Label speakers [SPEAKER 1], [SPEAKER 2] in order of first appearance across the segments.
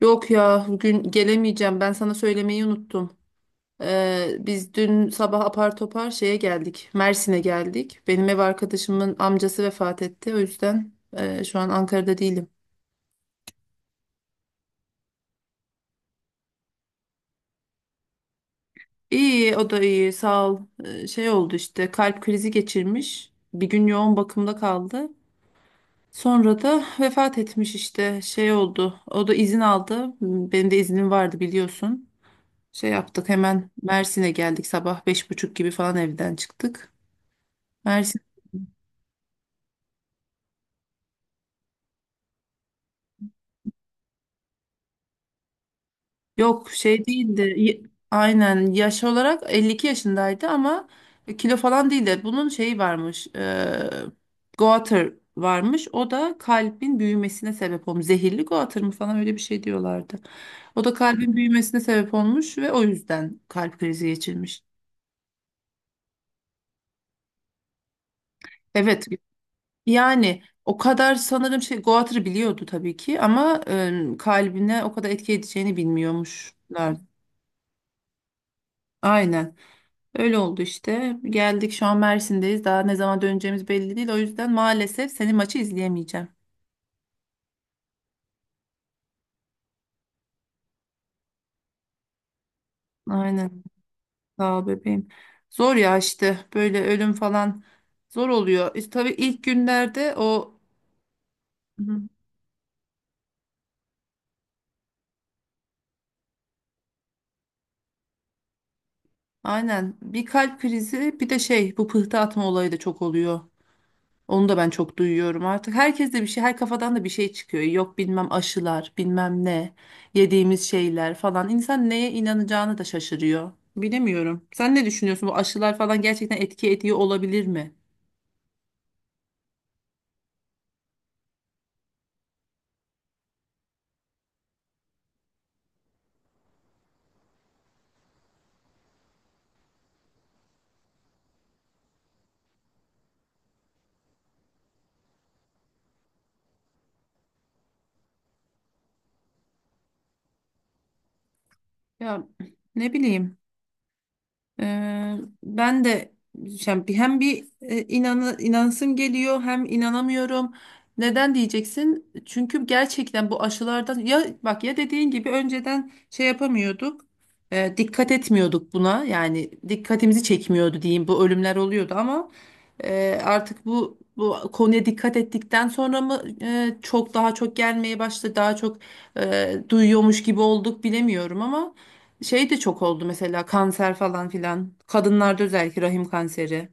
[SPEAKER 1] Yok ya bugün gelemeyeceğim. Ben sana söylemeyi unuttum. Biz dün sabah apar topar şeye geldik. Mersin'e geldik. Benim ev arkadaşımın amcası vefat etti. O yüzden şu an Ankara'da değilim. İyi, o da iyi, sağ ol. Şey oldu işte, kalp krizi geçirmiş. Bir gün yoğun bakımda kaldı. Sonra da vefat etmiş işte, şey oldu. O da izin aldı. Benim de iznim vardı, biliyorsun. Şey yaptık, hemen Mersin'e geldik, sabah 5.30 gibi falan evden çıktık. Mersin Yok, şey değildi. Aynen, yaş olarak 52 yaşındaydı ama kilo falan değildi. Bunun şeyi varmış. Goiter varmış. O da kalbin büyümesine sebep olmuş. Zehirli goiter mı falan, öyle bir şey diyorlardı. O da kalbin büyümesine sebep olmuş ve o yüzden kalp krizi geçirmiş. Evet. Yani o kadar sanırım şey, goiter'ı biliyordu tabii ki ama kalbine o kadar etki edeceğini bilmiyormuşlar. Aynen. Öyle oldu işte. Geldik, şu an Mersin'deyiz. Daha ne zaman döneceğimiz belli değil. O yüzden maalesef senin maçı izleyemeyeceğim. Aynen. Sağ ol bebeğim. Zor ya işte. Böyle ölüm falan zor oluyor. İşte tabii ilk günlerde o Hı. Aynen, bir kalp krizi, bir de şey, bu pıhtı atma olayı da çok oluyor. Onu da ben çok duyuyorum artık. Herkes de bir şey, her kafadan da bir şey çıkıyor. Yok bilmem aşılar, bilmem ne, yediğimiz şeyler falan. İnsan neye inanacağını da şaşırıyor. Bilemiyorum. Sen ne düşünüyorsun? Bu aşılar falan gerçekten etki ediyor olabilir mi? Ya, ne bileyim. Ee, Ben de yani hem bir inansım geliyor, hem inanamıyorum. Neden diyeceksin? Çünkü gerçekten bu aşılardan, ya bak, ya dediğin gibi önceden şey yapamıyorduk. Dikkat etmiyorduk buna. Yani dikkatimizi çekmiyordu diyeyim. Bu ölümler oluyordu ama artık bu konuya dikkat ettikten sonra mı çok daha çok gelmeye başladı. Daha çok duyuyormuş gibi olduk, bilemiyorum ama şey de çok oldu, mesela kanser falan filan. Kadınlarda özellikle rahim kanseri.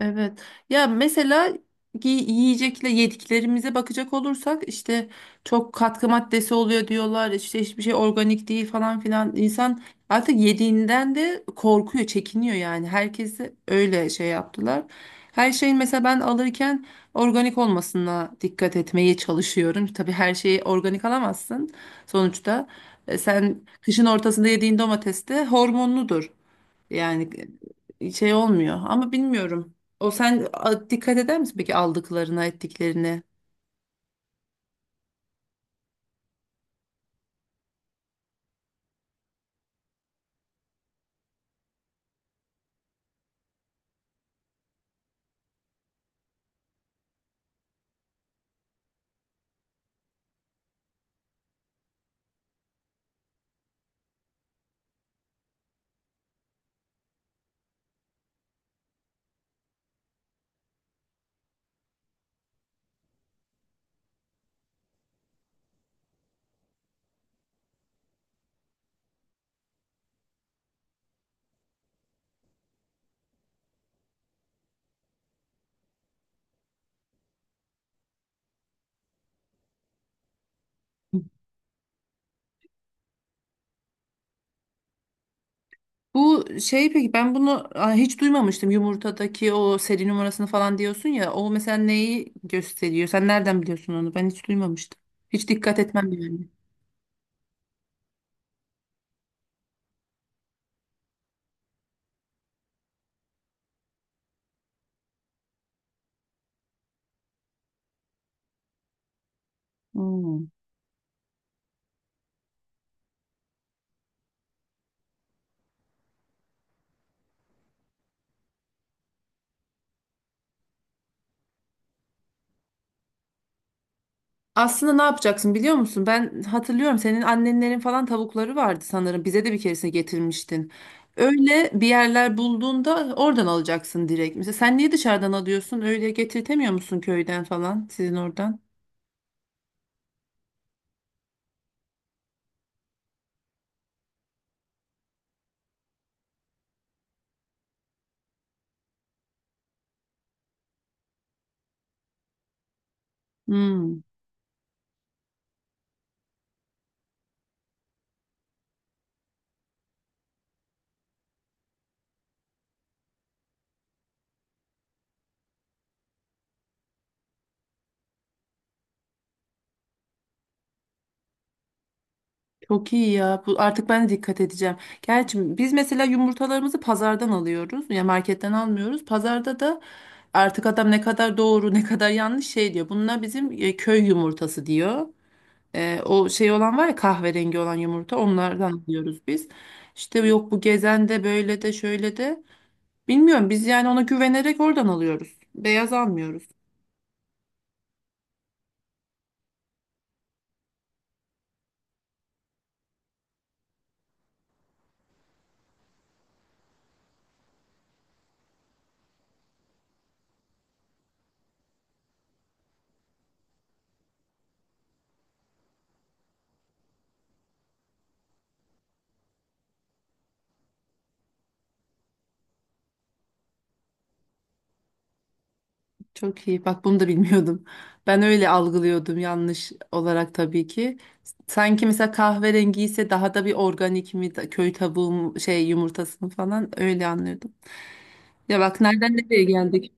[SPEAKER 1] Evet. Ya mesela yiyecekle, yediklerimize bakacak olursak işte çok katkı maddesi oluyor diyorlar. İşte hiçbir şey organik değil falan filan. İnsan artık yediğinden de korkuyor, çekiniyor yani. Herkesi öyle şey yaptılar. Her şeyin mesela, ben alırken organik olmasına dikkat etmeye çalışıyorum. Tabii her şeyi organik alamazsın sonuçta. Sen kışın ortasında yediğin domates de hormonludur. Yani şey olmuyor ama bilmiyorum. O sen dikkat eder misin peki aldıklarına, ettiklerine? Bu şey peki, ben bunu hiç duymamıştım. Yumurtadaki o seri numarasını falan diyorsun ya. O mesela neyi gösteriyor? Sen nereden biliyorsun onu? Ben hiç duymamıştım. Hiç dikkat etmem yani. Hmm. Aslında ne yapacaksın biliyor musun? Ben hatırlıyorum, senin annenlerin falan tavukları vardı sanırım. Bize de bir keresine getirmiştin. Öyle bir yerler bulduğunda oradan alacaksın direkt. Mesela sen niye dışarıdan alıyorsun? Öyle getirtemiyor musun köyden falan, sizin oradan? Hmm, Çok iyi ya. Bu, artık ben de dikkat edeceğim. Gerçi biz mesela yumurtalarımızı pazardan alıyoruz. Ya marketten almıyoruz. Pazarda da artık adam ne kadar doğru ne kadar yanlış şey diyor. Bunlar bizim köy yumurtası diyor. O şey olan var ya, kahverengi olan yumurta, onlardan alıyoruz biz. İşte yok bu gezen de, böyle de şöyle de. Bilmiyorum, biz yani ona güvenerek oradan alıyoruz. Beyaz almıyoruz. Çok iyi. Bak, bunu da bilmiyordum. Ben öyle algılıyordum, yanlış olarak tabii ki. Sanki mesela kahverengi ise daha da bir organik mi köy tavuğu şey yumurtasını falan, öyle anlıyordum. Ya bak nereden nereye geldik.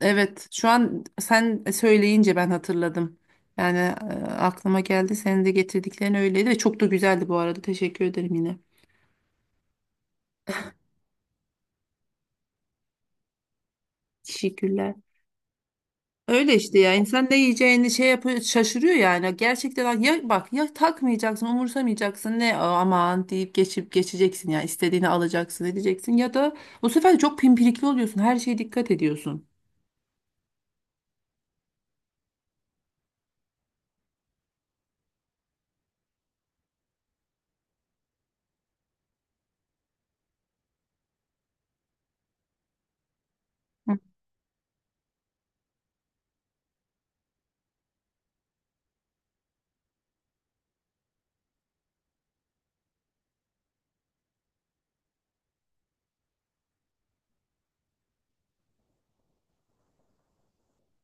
[SPEAKER 1] Evet, şu an sen söyleyince ben hatırladım. Yani aklıma geldi. Senin de getirdiklerin öyleydi ve çok da güzeldi bu arada. Teşekkür ederim yine. Teşekkürler. Öyle işte ya, insan ne yiyeceğini şey yapıyor, şaşırıyor yani. Gerçekten ya, bak ya, takmayacaksın, umursamayacaksın, ne aman deyip geçip geçeceksin, ya istediğini alacaksın edeceksin, ya da bu sefer çok pimpirikli oluyorsun. Her şeye dikkat ediyorsun. Hı.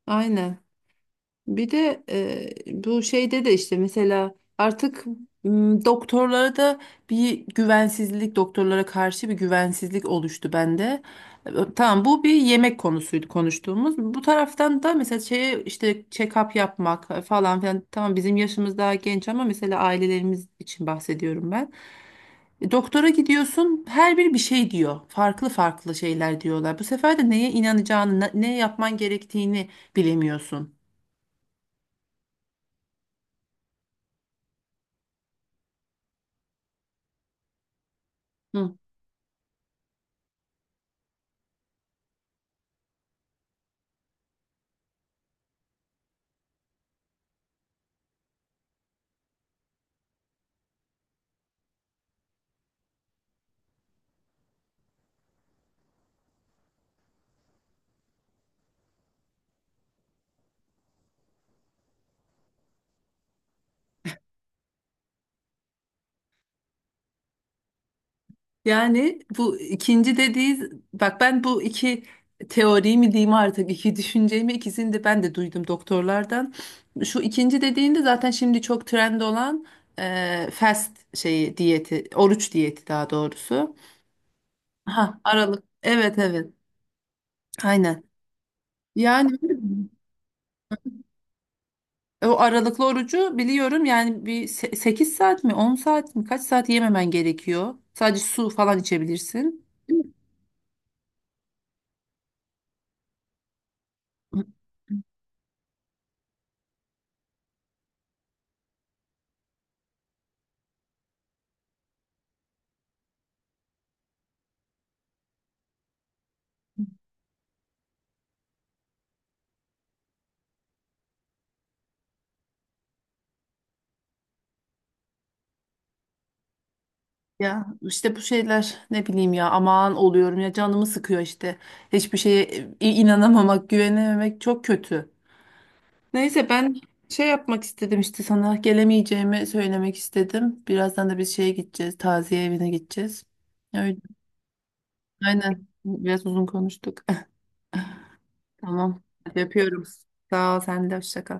[SPEAKER 1] Aynen. Bir de bu şeyde de işte mesela artık doktorlara da bir güvensizlik, doktorlara karşı bir güvensizlik oluştu bende. E, Tamam, bu bir yemek konusuydu konuştuğumuz. Bu taraftan da mesela şeye işte, check-up yapmak falan filan. Tamam, bizim yaşımız daha genç ama mesela ailelerimiz için bahsediyorum ben. Doktora gidiyorsun, her biri bir şey diyor. Farklı farklı şeyler diyorlar. Bu sefer de neye inanacağını, ne yapman gerektiğini bilemiyorsun. Yani bu ikinci dediği, bak ben bu iki teori mi diyeyim artık, iki düşünceyi mi, ikisini de ben de duydum doktorlardan. Şu ikinci dediğinde zaten şimdi çok trend olan fast şeyi diyeti, oruç diyeti daha doğrusu. Ha, aralık, evet evet, aynen. Yani o aralıklı orucu biliyorum, yani bir 8 saat mi 10 saat mi, kaç saat yememen gerekiyor. Sadece su falan içebilirsin. Değil mi? Ya işte bu şeyler, ne bileyim, ya aman oluyorum ya, canımı sıkıyor işte. Hiçbir şeye inanamamak, güvenememek çok kötü. Neyse, ben şey yapmak istedim işte, sana gelemeyeceğimi söylemek istedim. Birazdan da biz şeye gideceğiz, taziye evine gideceğiz. Öyle, aynen, biraz uzun konuştuk. Tamam hadi, öpüyorum. Sağ ol, sen de hoşça kal.